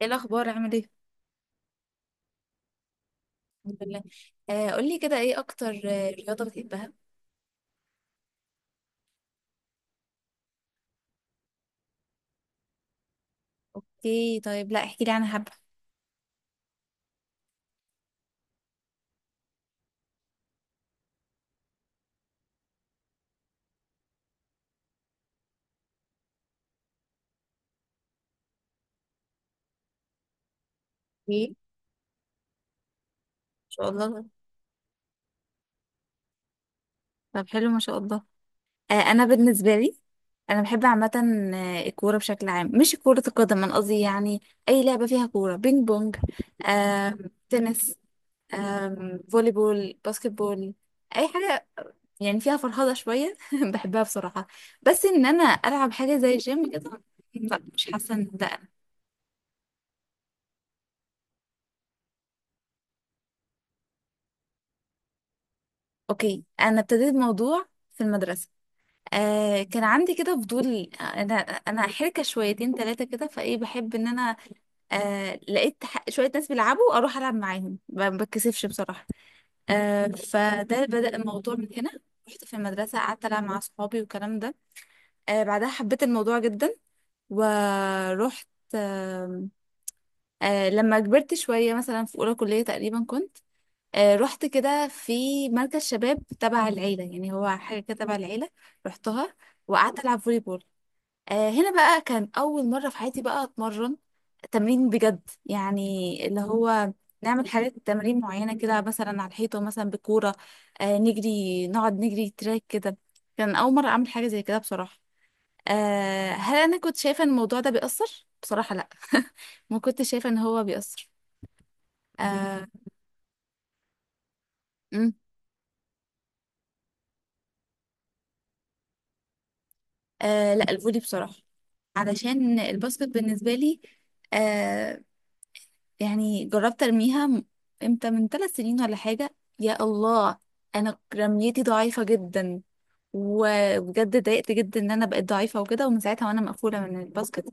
ايه الاخبار؟ عامل ايه؟ الحمد لله. قولي كده، ايه اكتر رياضه بتحبها؟ اوكي طيب، لا احكي لي عنها حبه. ايه ان شاء الله. طب حلو ما شاء الله. انا بالنسبه لي، انا بحب عامه الكوره بشكل عام، مش كره القدم انا قصدي، يعني اي لعبه فيها كوره، بينج بونج، آه تنس، فولي بول، باسكت بول، اي حاجه يعني فيها فرهضه شويه بحبها بصراحه. بس ان انا العب حاجه زي الجيم كده، لا مش حاسه ان ده. اوكي، انا ابتديت موضوع في المدرسه. كان عندي كده فضول. انا حركه شويتين ثلاثه كده، فايه بحب ان انا لقيت شويه ناس بيلعبوا، اروح العب معاهم، ما بتكسفش بصراحه. فده بدأ الموضوع من هنا. رحت في المدرسه، قعدت العب مع اصحابي والكلام ده. بعدها حبيت الموضوع جدا، ورحت. آه لما كبرت شويه، مثلا في اولى كليه تقريبا كنت رحت كده في مركز شباب تبع العيلة، يعني هو حاجة كده تبع العيلة. رحتها وقعدت ألعب فولي بول. هنا بقى كان أول مرة في حياتي بقى أتمرن تمرين بجد، يعني اللي هو نعمل حاجات تمارين معينة كده، مثلا على الحيطة مثلا بكورة. نجري، نقعد نجري تراك كده. كان أول مرة أعمل حاجة زي كده بصراحة. هل أنا كنت شايفة إن الموضوع ده بيأثر؟ بصراحة لأ ما كنتش شايفة إن هو بيأثر. آه، لا الفولي بصراحة، علشان الباسكت بالنسبة لي آه يعني جربت ارميها امتى؟ من 3 سنين ولا حاجة، يا الله. انا رميتي ضعيفة جدا، وبجد اتضايقت جدا ان انا بقيت ضعيفة وكده، ومن ساعتها وانا مقفولة من الباسكت.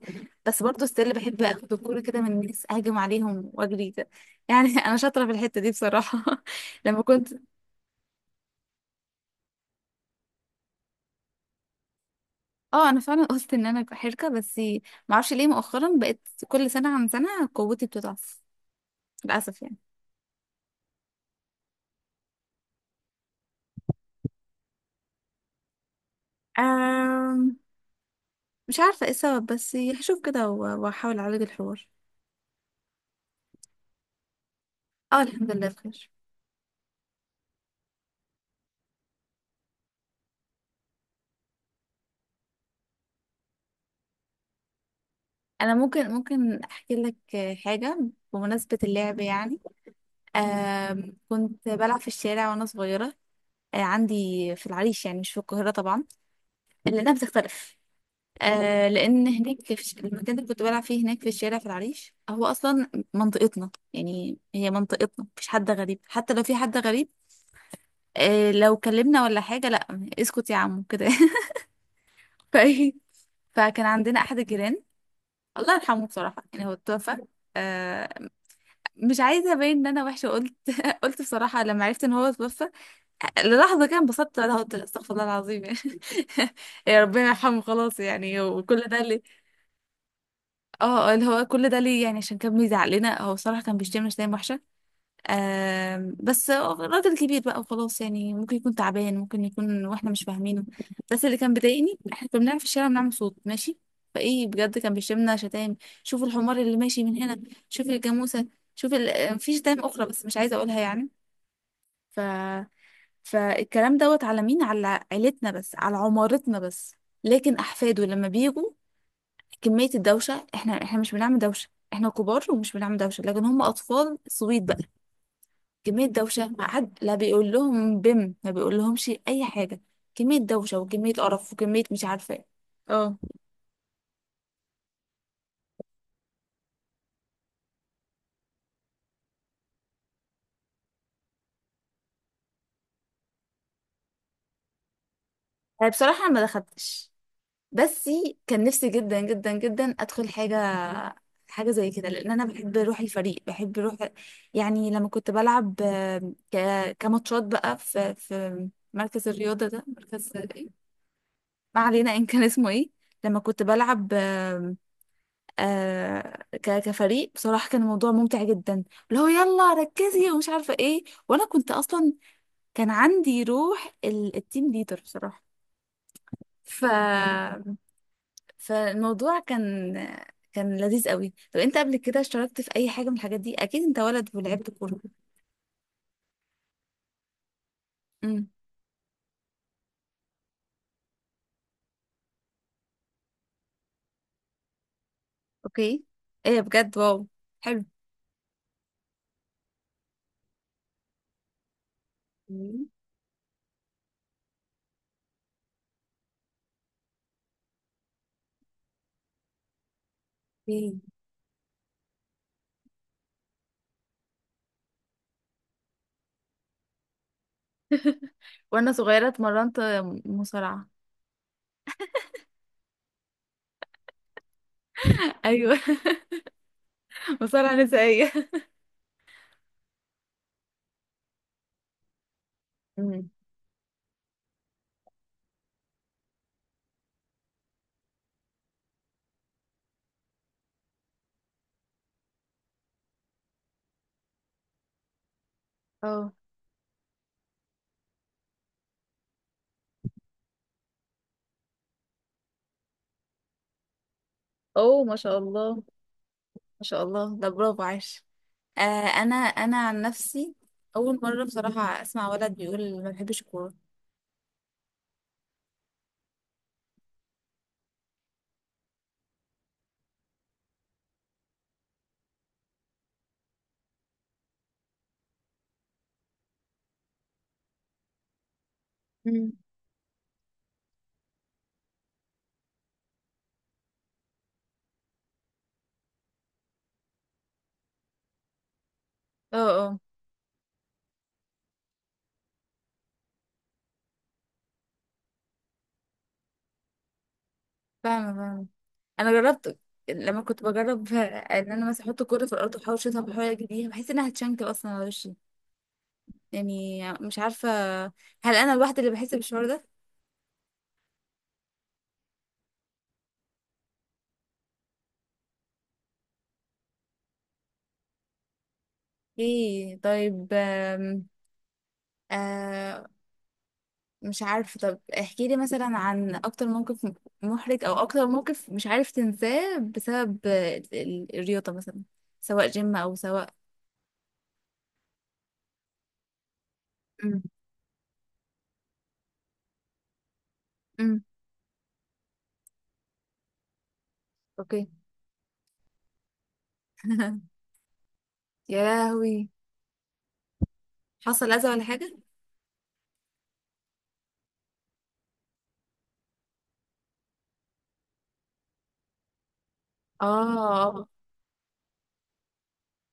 بس برضه ستيل بحب اخد الكورة كده من الناس، اهاجم عليهم واجري كده يعني انا شاطرة في الحتة دي بصراحة. لما كنت اه، انا فعلا قلت ان انا حركة، بس معرفش ليه مؤخرا بقيت كل سنة عن سنة قوتي بتضعف، للأسف يعني. أم... مش عارفة ايه السبب، بس هشوف كده وأحاول أعالج الحوار. اه الحمد لله بخير. أنا ممكن أحكي لك حاجة، بمناسبة اللعب يعني. كنت بلعب في الشارع وأنا صغيرة. أه، عندي في العريش، يعني مش في القاهرة طبعا، لأنها بتختلف. أه، لأن هناك في المكان اللي كنت بلعب فيه هناك في الشارع في العريش، هو أصلا منطقتنا، يعني هي منطقتنا، مفيش حد غريب، حتى لو في حد غريب إيه، لو كلمنا ولا حاجة، لا. اسكت يا عم كده ف... فكان عندنا احد الجيران، الله يرحمه بصراحه، يعني هو اتوفى. آه مش عايزه ابين ان انا وحشه، قلت قلت بصراحه لما عرفت ان هو اتوفى للحظه كان انبسطت. انا قلت استغفر الله العظيم يعني يا ربنا يرحمه خلاص يعني، وكل ده ليه؟ اه، اللي هو كل ده ليه يعني عشان كان بيزعق لنا. هو بصراحه كان بيشتمنا شتايم وحشه. بس راجل كبير بقى وخلاص يعني، ممكن يكون تعبان، ممكن يكون واحنا مش فاهمينه. بس اللي كان بيضايقني، احنا كنا بنلعب في الشارع، بنعمل صوت ماشي، فايه بجد كان بيشتمنا شتايم. شوفوا الحمار اللي ماشي من هنا، شوف الجاموسه، شوف في شتايم اخرى بس مش عايزه اقولها يعني. ف فالكلام دوت على مين؟ على عيلتنا بس، على عمارتنا بس. لكن احفاده لما بيجوا، كميه الدوشه، احنا مش بنعمل دوشه، احنا كبار ومش بنعمل دوشه، لكن هم اطفال صويت بقى. كمية دوشة، ما حد لا بيقول لهم بم، ما بيقول لهمش أي حاجة. كمية دوشة وكمية قرف وكمية مش عارفة ايه. اه أنا بصراحة ما دخلتش، بس كان نفسي جدا جدا جدا أدخل حاجة، حاجة زي كده، لأن أنا بحب روح الفريق، بحب روح يعني. لما كنت بلعب كماتشات بقى في مركز الرياضة ده، مركز إيه؟ ما علينا إن كان اسمه إيه. لما كنت بلعب كفريق، بصراحة كان الموضوع ممتع جدا، اللي هو يلا ركزي ومش عارفة ايه. وانا كنت اصلا كان عندي روح التيم ليدر بصراحة. ف فالموضوع كان لذيذ قوي. طب انت قبل كده اشتركت في اي حاجة من الحاجات دي؟ اكيد انت ولد ولعبت كورة. امم، اوكي، ايه بجد، واو حلو. إيه. وانا صغيرة اتمرنت مصارعة ايوه مصارعة نسائية. امم، اه. اوه ما شاء الله، ما شاء الله ده برافو عاش. انا عن نفسي، اول مره بصراحه اسمع ولد بيقول ما بحبش الكوره. مم. اه، اه. فاهمه فاهمه، انا جربت لما كنت بجرب ان انا مثلا احط الكوره في الارض واحاول اشوطها، بحاول اجي بيها بحس انها هتشنكل اصلا على وشي. يعني مش عارفه، هل انا الواحده اللي بحس بالشعور ده؟ ايه طيب آه مش عارفة. طب احكي لي مثلا عن أكتر موقف محرج أو أكتر موقف مش عارف تنساه بسبب الرياضة مثلا، سواء جيم أو سواء. أم، أم، أوكي يا لهوي، حصل أذى ولا حاجة؟ آه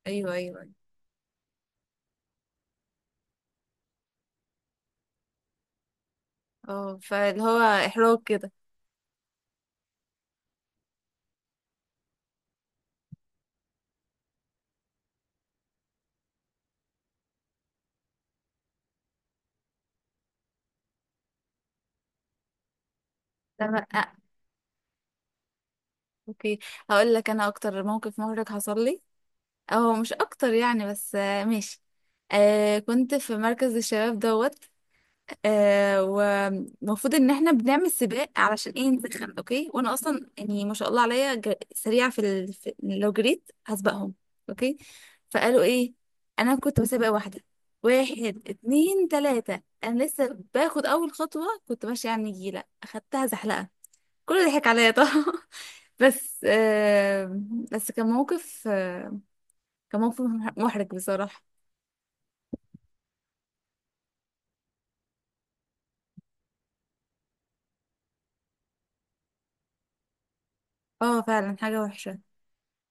أيوه أيوه أيوة. اه فاللي هو إحراج كده، تمام. أوكي، هقول لك أنا أكتر موقف محرج حصل لي، أو مش أكتر يعني بس ماشي. كنت في مركز الشباب دوت. ومفروض ان احنا بنعمل سباق، علشان ايه؟ نسخن. اوكي، وانا اصلا يعني ما شاء الله عليا، سريعه في, في لو جريت هسبقهم، اوكي. فقالوا ايه؟ انا كنت بسابق واحده. واحد اتنين تلاته، انا لسه باخد اول خطوه، كنت ماشيه على النجيله، اخدتها زحلقه، كله ضحك عليا طبعا بس بس كان موقف كان موقف محرج بصراحه. اه فعلا حاجه وحشه.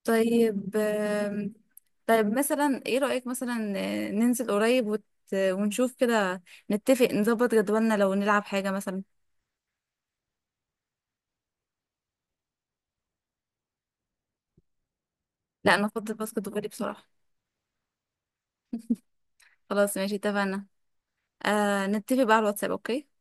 طيب طيب مثلا ايه رأيك؟ مثلا ننزل قريب ونشوف كده، نتفق نظبط جدولنا لو نلعب حاجة مثلا. لا انا افضل باسكت فولي بصراحة. خلاص ماشي، اتفقنا. نتفق بقى على الواتساب، اوكي.